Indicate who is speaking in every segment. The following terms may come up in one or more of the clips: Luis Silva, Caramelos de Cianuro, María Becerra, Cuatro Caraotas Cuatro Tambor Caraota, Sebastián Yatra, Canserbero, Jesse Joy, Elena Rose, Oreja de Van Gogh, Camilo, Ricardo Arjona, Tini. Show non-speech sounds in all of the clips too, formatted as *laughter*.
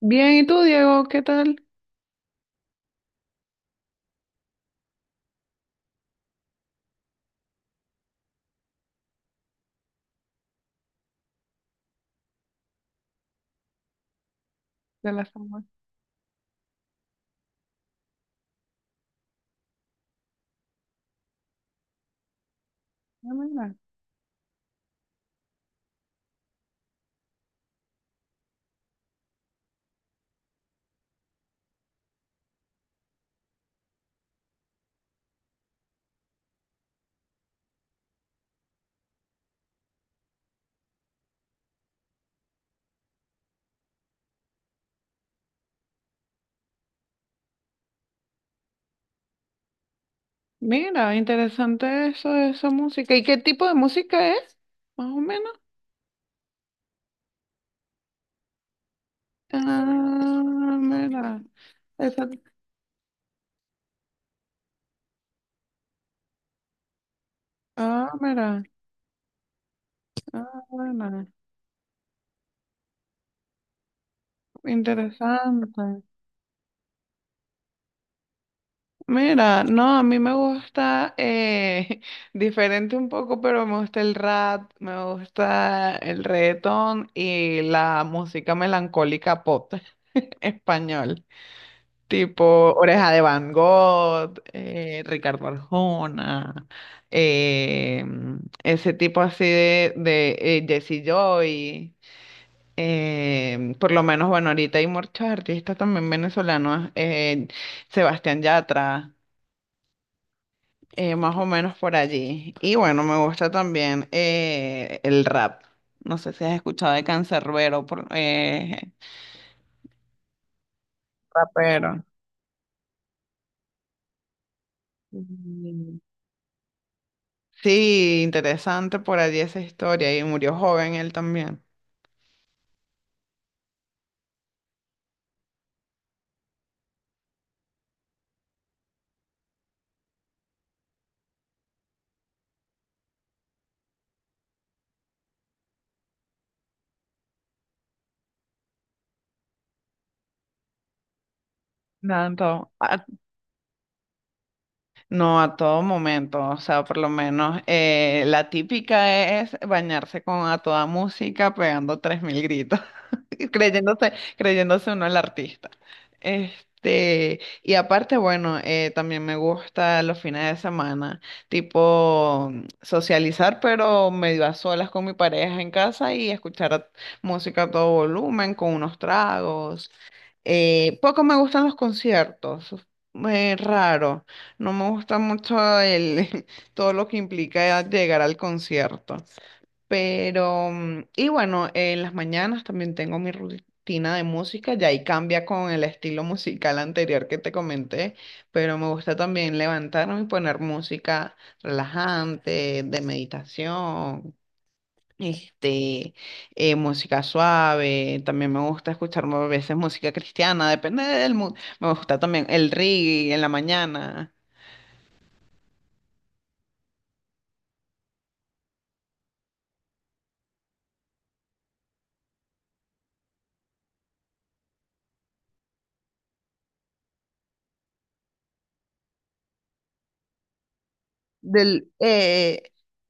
Speaker 1: Bien, ¿y tú, Diego? ¿Qué tal? De la fama. Ah, Mira, mira, interesante eso, de esa música. ¿Y qué tipo de música es? Más o menos. Ah, mira. Esa- Ah, mira. Ah, mira. Interesante. Mira, no, a mí me gusta *laughs* diferente un poco, pero me gusta el rap, me gusta el reggaetón y la música melancólica pop *laughs* español. Tipo Oreja de Van Gogh, Ricardo Arjona, eh, ese tipo así de Jesse Joy. Por lo menos, bueno, ahorita hay muchos artistas también venezolanos, Sebastián Yatra, más o menos por allí. Y bueno, me gusta también el rap. No sé si has escuchado de Canserbero, rapero. Mm. Sí, interesante por allí esa historia. Y murió joven él también. Nada, en todo- a- No, a todo momento. O sea, por lo menos la típica es bañarse con a toda música pegando 3000 gritos. *laughs* Creyéndose uno el artista. Este, y aparte, bueno, también me gusta los fines de semana, tipo socializar, pero medio a solas con mi pareja en casa y música a todo volumen, con unos tragos. Poco me gustan los conciertos, raro. No me gusta mucho *laughs* todo lo que implica llegar al concierto. Y bueno, en las mañanas también tengo mi rutina de música, ya ahí cambia con el estilo *laughs* musical anterior que te comenté, pero me gusta también levantarme y poner música relajante, de meditación, este, música suave. También me gusta escuchar a veces música cristiana, depende del mood. Me gusta también el reggae en la mañana. Del, eh,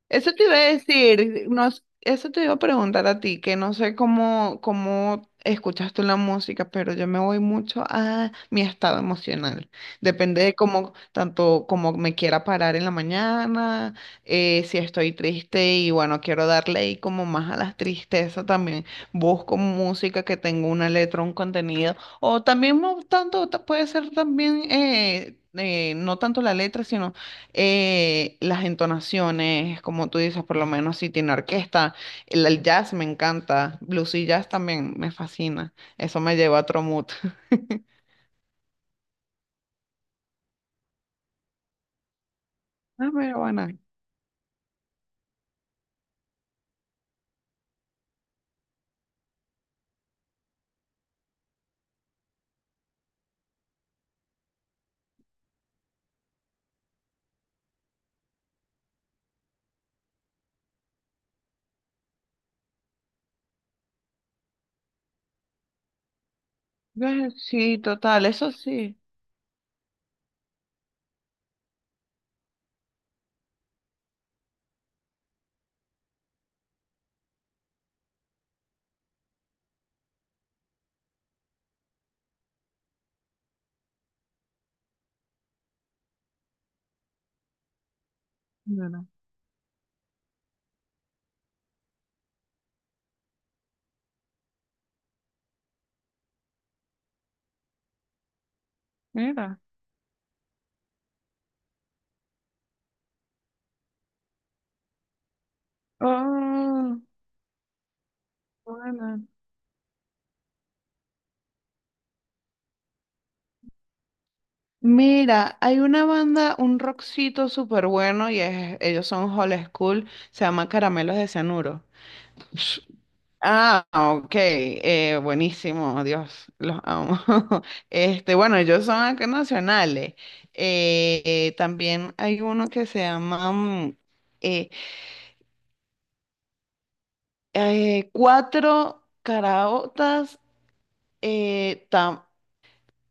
Speaker 1: Eso te iba a decir, no, s- eso te iba a preguntar a ti, que no sé cómo escuchas tú la música, pero yo me voy mucho a mi estado emocional. Depende de cómo, tanto como me quiera parar en la mañana, si estoy triste y bueno, quiero darle ahí como más a las tristezas también. Busco música que tenga una letra, un contenido, o también no tanto, puede ser también, no tanto la letra, sino las entonaciones, como tú dices. Por lo menos si tiene orquesta, el jazz me encanta, blues y jazz también me fascina, eso me lleva a otro mood. *laughs* Ah, pero bueno, sí, total, eso sí. Mira, mira. Ah, bueno. Mira, hay una banda, un rockcito súper bueno y ellos son Hall School, se llama Caramelos de Cianuro. Ah, ok, buenísimo, Dios, los amo. *laughs* Este, bueno, ellos son acá nacionales. También hay uno que se llama eh, Cuatro Caraotas,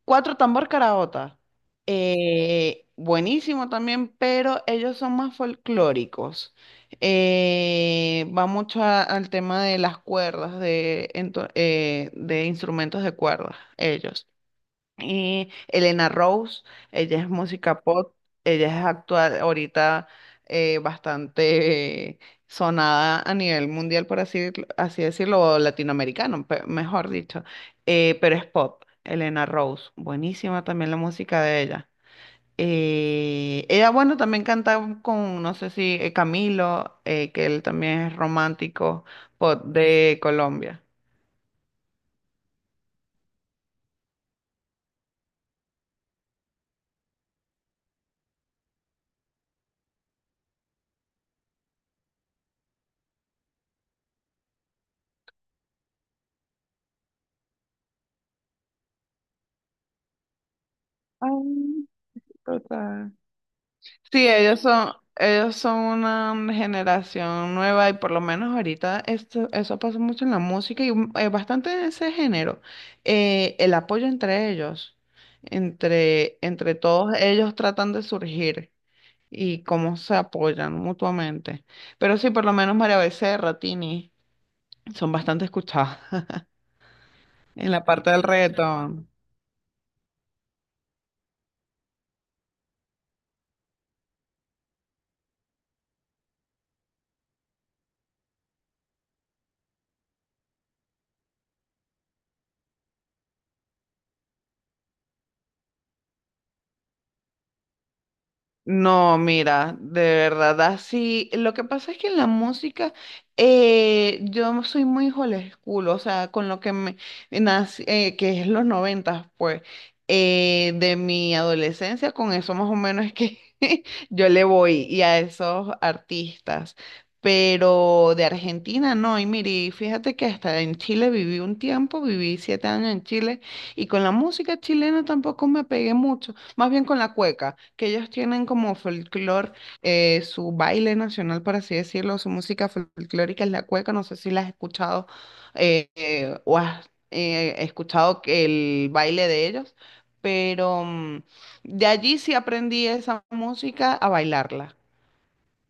Speaker 1: Cuatro Tambor Caraota. Buenísimo también, pero ellos son más folclóricos. Va mucho al tema de las cuerdas, de, de instrumentos de cuerdas, ellos. Y Elena Rose, ella es música pop, ella es actual, ahorita bastante sonada a nivel mundial, por así, así decirlo, o latinoamericano, mejor dicho, pero es pop. Elena Rose, buenísima también la música de ella. Ella, bueno, también canta con, no sé si Camilo, que él también es romántico pop de Colombia. Ay, total. Sí, ellos son una generación nueva y por lo menos ahorita esto, eso pasa mucho en la música bastante en ese género. El apoyo entre ellos, entre todos ellos tratan de surgir y cómo se apoyan mutuamente. Pero sí, por lo menos María Becerra, Tini, son bastante escuchadas *laughs* en la parte del reggaetón. No, mira, de verdad, así. Lo que pasa es que en la música yo soy muy old school, o sea, con lo que me nací, que es los noventas, pues, de mi adolescencia, con eso más o menos es que *laughs* yo le voy y a esos artistas. Pero de Argentina no, y mire, fíjate que hasta en Chile viví un tiempo, viví 7 años en Chile, y con la música chilena tampoco me pegué mucho. Más bien con la cueca, que ellos tienen como folclore, su baile nacional, por así decirlo, su música folclórica es la cueca. No sé si la has escuchado o has escuchado que el baile de ellos, pero mm, de allí sí aprendí esa música a bailarla.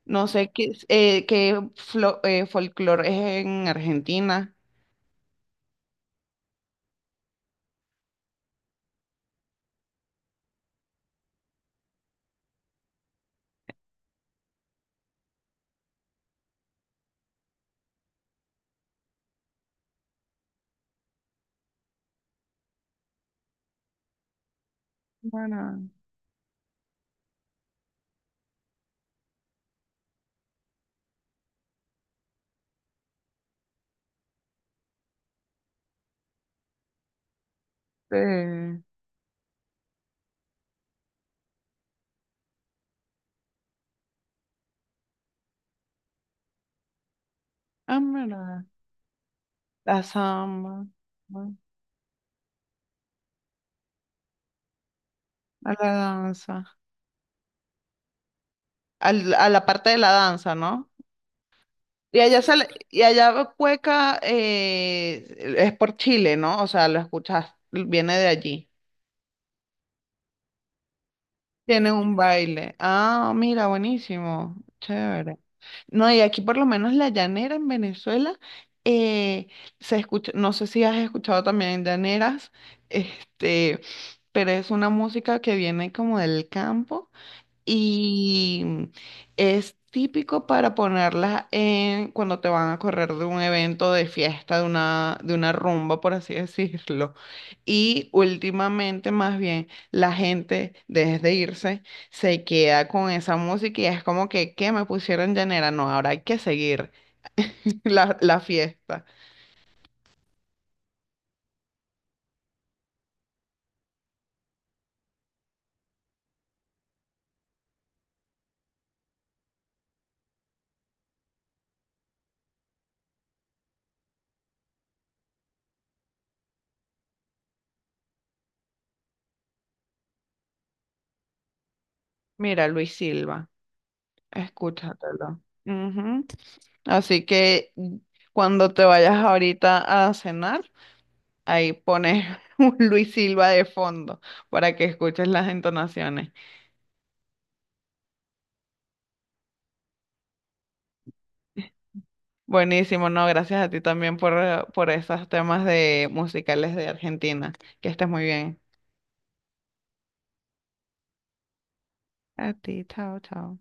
Speaker 1: No sé qué, folclore es en Argentina. Bueno, eh, ah, mira, la samba, ¿no? A la danza. A la parte de la danza, ¿no? Y allá sale, y allá cueca es por Chile, ¿no? O sea, lo escuchas, viene de allí. Tienen un baile. Ah, mira, buenísimo. Chévere. No, y aquí por lo menos la llanera en Venezuela eh, se escucha, no sé si has escuchado también llaneras, este, pero es una música que viene como del campo. Y es típico para ponerlas en cuando te van a correr de un evento de fiesta, de una rumba, por así *laughs* decirlo. Y últimamente, más bien, la gente, desde irse, se queda con esa música y es como que, ¿qué me pusieron llanera? No, ahora hay que seguir *laughs* la fiesta. Mira, Luis Silva, escúchatelo. Ujú. Así que cuando te vayas ahorita a cenar, ahí pones *laughs* un Luis Silva de fondo para que escuches las entonaciones. Buenísimo, no, gracias a ti también por esos temas de musicales de Argentina. Que estés muy bien. A ti, chao, chao.